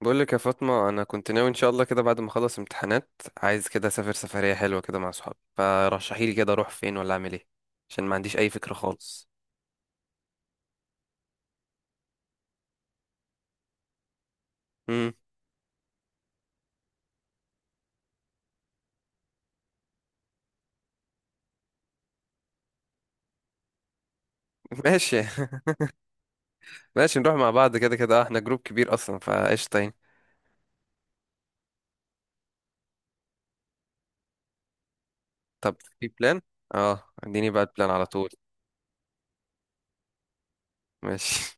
بقول لك يا فاطمة، أنا كنت ناوي إن شاء الله كده بعد ما أخلص امتحانات، عايز كده أسافر سفرية حلوة كده مع صحابي. فرشحي لي كده أروح فين ولا أعمل إيه، عشان ما عنديش أي فكرة خالص. امم ماشي ماشي، نروح مع بعض كده كده. إحنا جروب كبير أصلا، فقشطة يعني. طب في بلان؟ اديني بقى البلان على طول. ماشي.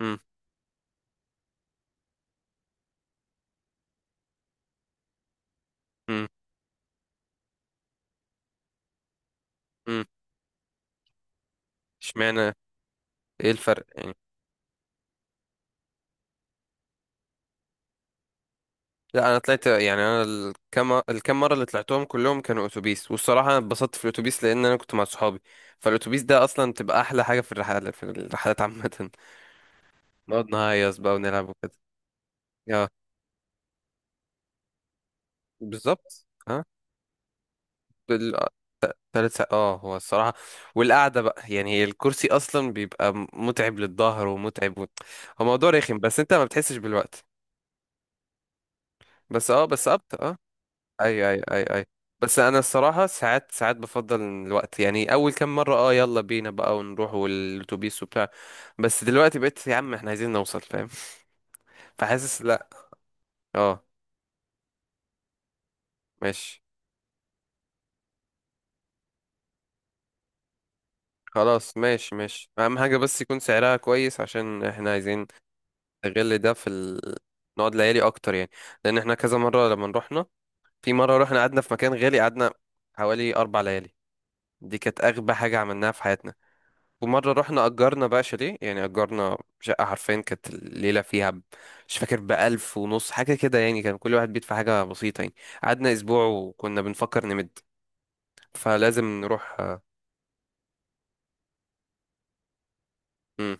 امم امم امم اشمعنى؟ إيه الفرق يعني؟ لا انا طلعت، يعني انا الكام مره اللي طلعتهم كلهم كانوا اتوبيس، والصراحه انا اتبسطت في الاتوبيس لان انا كنت مع صحابي. فالاتوبيس ده اصلا بتبقى احلى حاجه في الرحلات، عامه. نقعد نهيص بقى ونلعب وكده. اه بالظبط. اه بال... تلات ساعات، اه هو الصراحه. والقعده بقى، يعني هي الكرسي اصلا بيبقى متعب للظهر ومتعب هو موضوع رخم، بس انت ما بتحسش بالوقت. بس اه بس اه ايوه ايوه ايوه ايوه. بس انا الصراحه، ساعات ساعات بفضل الوقت، يعني اول كام مره يلا بينا بقى ونروح والاتوبيس وبتاع. بس دلوقتي بقيت يا عم، احنا عايزين نوصل فاهم. فحاسس لا. اه. ماشي خلاص. ماشي ماشي، اهم حاجه بس يكون سعرها كويس عشان احنا عايزين نغل ده في ال... نقعد ليالي اكتر يعني. لان احنا كذا مره لما رحنا، في مره رحنا قعدنا في مكان غالي، قعدنا حوالي 4 ليالي. دي كانت اغبى حاجه عملناها في حياتنا. ومرة رحنا أجرنا بقى شاليه، يعني أجرنا شقة حرفيا، كانت الليلة فيها مش فاكر، بـ1500 حاجة كده، يعني كان كل واحد بيدفع حاجة بسيطة يعني. قعدنا أسبوع وكنا بنفكر نمد. فلازم نروح مم،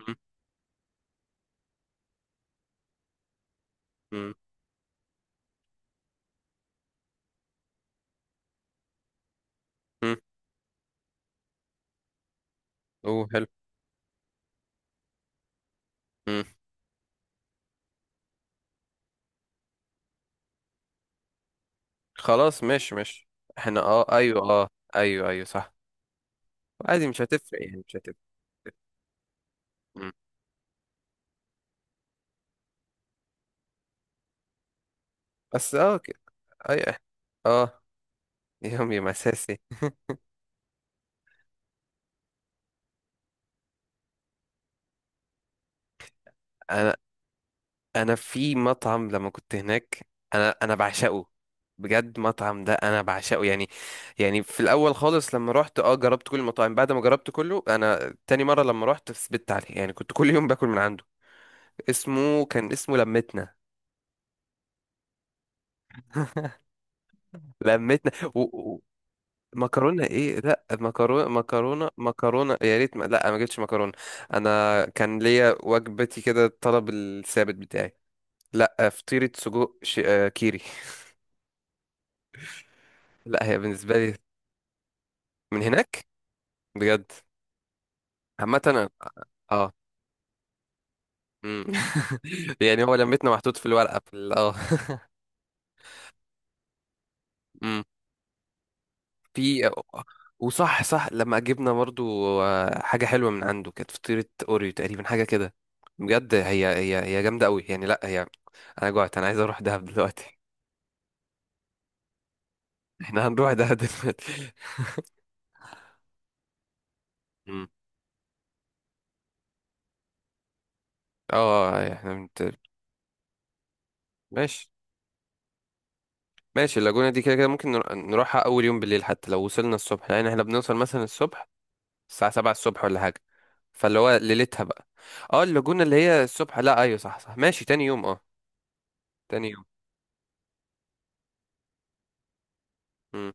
مم، مم، مم. أوه حلو. مم. خلاص ماشي ماشي. احنا أيوه اه. أيوه أيوه صح. عادي مش هتفرق يعني، مش هتفرق. مم. بس اه كده أيوه اه. يومي مساسي. انا في مطعم لما كنت هناك، انا بعشقه. بجد مطعم ده انا بعشقه يعني. يعني في الاول خالص لما رحت اه جربت كل المطاعم، بعد ما جربت كله انا تاني مره لما رحت ثبت عليه، يعني كنت كل يوم باكل من عنده. اسمه كان اسمه لمتنا. لمتنا و... و... مكرونه ايه؟ لا، مكرونه مكرونه مكرونه يا ريت، ما... لا ما جبتش مكرونه. انا كان ليا وجبتي كده، الطلب الثابت بتاعي. لا فطيره سجق ش... آه، كيري. لا هي بالنسبه لي من هناك بجد. عامة أنا- اه. مم. يعني هو لمتنا محطوط في الورقة في ال- اه مم. في. وصح صح لما جبنا برضو حاجة حلوة من عنده، كانت فطيرة اوريو تقريبا حاجة كده. بجد هي جامدة قوي يعني، لا هي. انا جوعت، انا عايز اروح دهب دلوقتي. احنا هنروح دهب دلوقتي. مم. اه. آه، آه، احنا بنت... ماشي. ماشي، اللاجونة دي كده كده ممكن نروحها اول يوم بالليل، حتى لو وصلنا الصبح، لان احنا بنوصل مثلا الصبح الساعة 7 الصبح ولا حاجة. فاللي هو ليلتها بقى. اه اللاجونة اللي هي الصبح لا ايوه صح صح، ماشي تاني يوم اه. تاني يوم. مم.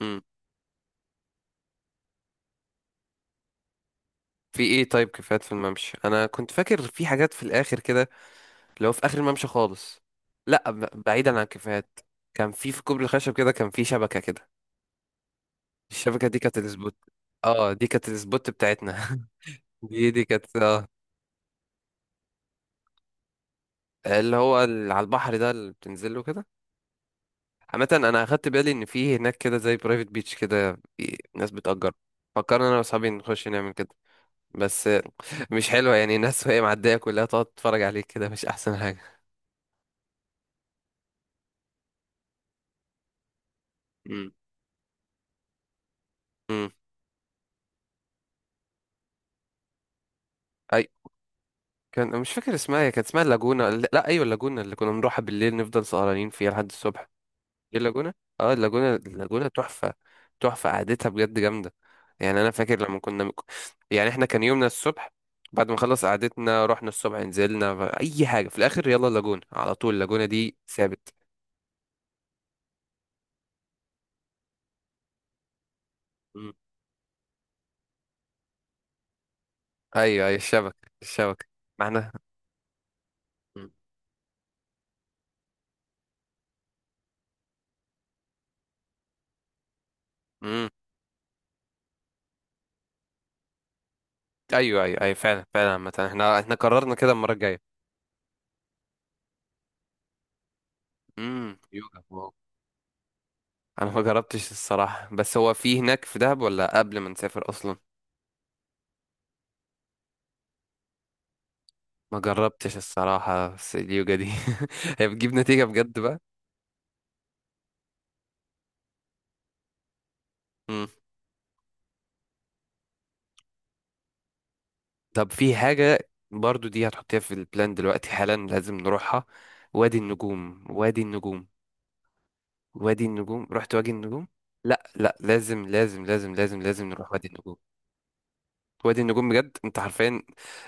مم. في ايه؟ طيب كافيهات في الممشى، انا كنت فاكر في حاجات في الاخر كده، اللي هو في اخر الممشى خالص. لا ب- بعيدا عن الكافيهات، كان في في كوبري الخشب كده، كان في شبكة كده. الشبكة دي كانت السبوت. اه دي كانت السبوت بتاعتنا. دي دي كانت اه اللي هو اللي على البحر ده اللي بتنزله كده. عامة انا اخدت بالي ان في هناك كده زي برايفت بيتش كده، في ناس بتأجر. فكرنا انا واصحابي نخش نعمل كده، بس مش حلوة يعني، الناس وهي معدية كلها تقعد تتفرج عليك كده، مش احسن حاجة. امم امم اي كان، مش فاكر اسمها، هي كانت اسمها اللاجونة. لا ايوه اللاجونة، اللي كنا بنروحها بالليل نفضل سهرانين فيها لحد الصبح. ايه اللاجونة. اه اللاجونة، اللاجونة تحفة. تحفة، قعدتها بجد جامدة. يعني انا فاكر لما كنا، يعني احنا كان يومنا الصبح، بعد ما خلص قعدتنا رحنا الصبح، نزلنا اي حاجة في الاخر يلا اللاجونة على طول. اللاجونة دي ثابت. مم. ايوه ايوه الشبكة الشبكة. ما احنا. مم. مم. ايوه ايوه ايوه فعلا فعلا. عامة احنا قررنا كده المرة الجاية. امم، يوجا، واو. انا ما جربتش الصراحة، بس هو في هناك في دهب ولا قبل ما نسافر اصلا؟ ما جربتش الصراحة، بس اليوجا دي هي بتجيب نتيجة بجد بقى. مم. طب في حاجة برضو دي هتحطيها في البلان دلوقتي حالا لازم نروحها. وادي النجوم، وادي النجوم. وادي النجوم، رحت وادي النجوم. لا لا لازم لازم لازم لازم لازم نروح وادي النجوم. وادي النجوم بجد، انت حرفيا.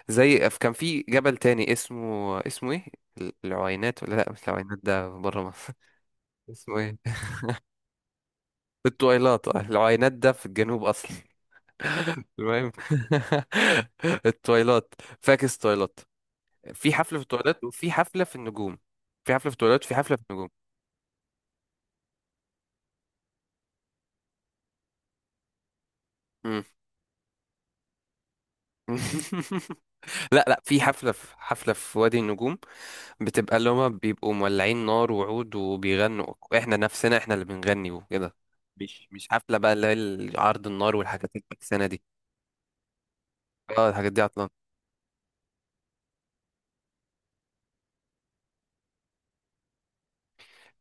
زي كان في جبل تاني اسمه، اسمه ايه؟ العوينات؟ ولا لا مش العوينات، ده بره مصر. اسمه ايه؟ الطويلات. العوينات ده في الجنوب اصلا. المهم، التويلات. فاكس تويلات. في حفلة في التويلات وفي حفلة في النجوم. في حفلة في التويلات وفي حفلة في النجوم. مم. لا لا في حفلة، في حفلة في وادي النجوم، بتبقى اللي هما بيبقوا مولعين نار وعود وبيغنوا، احنا نفسنا احنا اللي بنغني وكده. مش حفلة بقى اللي هي عرض النار والحاجات الفكسانة دي. اه الحاجات دي.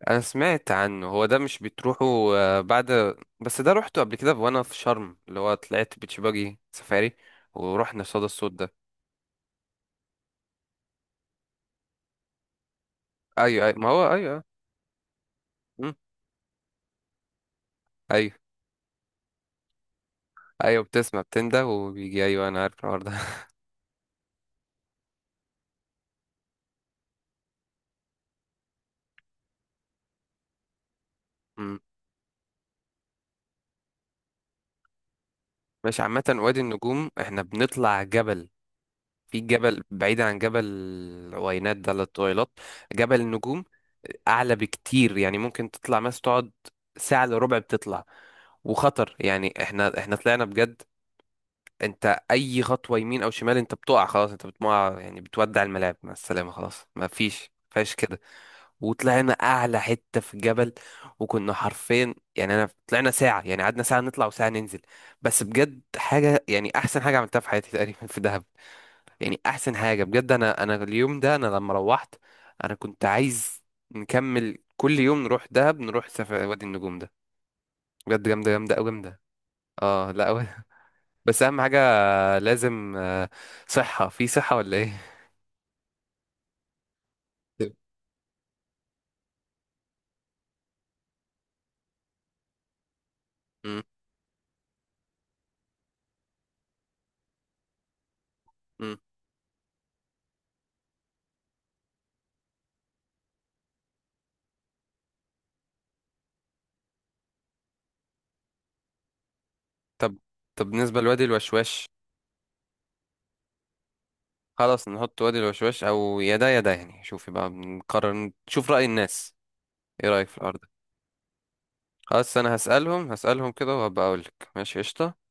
انا سمعت عنه، هو ده مش بتروحوا بعد؟ بس ده روحته قبل كده وانا في شرم، اللي هو طلعت بيتش باجي سفاري، ورحنا صدى الصوت ده. ايوه ايوه ما هو ايوه. امم. ايوه ايوه بتسمع بتنده وبيجي، ايوه انا عارف الحوار ده. أمم. مش عامة وادي النجوم احنا بنطلع جبل، في جبل بعيد عن جبل العوينات ده للطويلات. جبل النجوم. اعلى بكتير، يعني ممكن تطلع مثلا تقعد ساعة الا ربع بتطلع. وخطر يعني، احنا طلعنا بجد. انت اي خطوه يمين او شمال انت بتقع، خلاص انت بتقع، يعني بتودع الملاعب مع السلامه، خلاص ما فيش كده. وطلعنا اعلى حته في الجبل، وكنا حرفيا يعني انا طلعنا ساعه، يعني قعدنا ساعه نطلع وساعه ننزل. بس بجد حاجه، يعني احسن حاجه عملتها في حياتي تقريبا في دهب. يعني احسن حاجه بجد، انا اليوم ده، انا لما روحت انا كنت عايز نكمل كل يوم نروح دهب، نروح سفر وادي النجوم ده. بجد جامده جامده قوي جامده. اه لا بس اهم حاجه، لازم صحة في صحة ولا ايه؟ مم. مم. طب طب بالنسبة لوادي الوشواش. خلاص نحط وادي الوشواش او يا ده يا ده يعني، شوفي بقى نقرر نشوف رأي الناس. ايه رأيك في الأرض ده؟ خلاص انا هسألهم، هسألهم كده وهبقى اقولك. ماشي قشطة.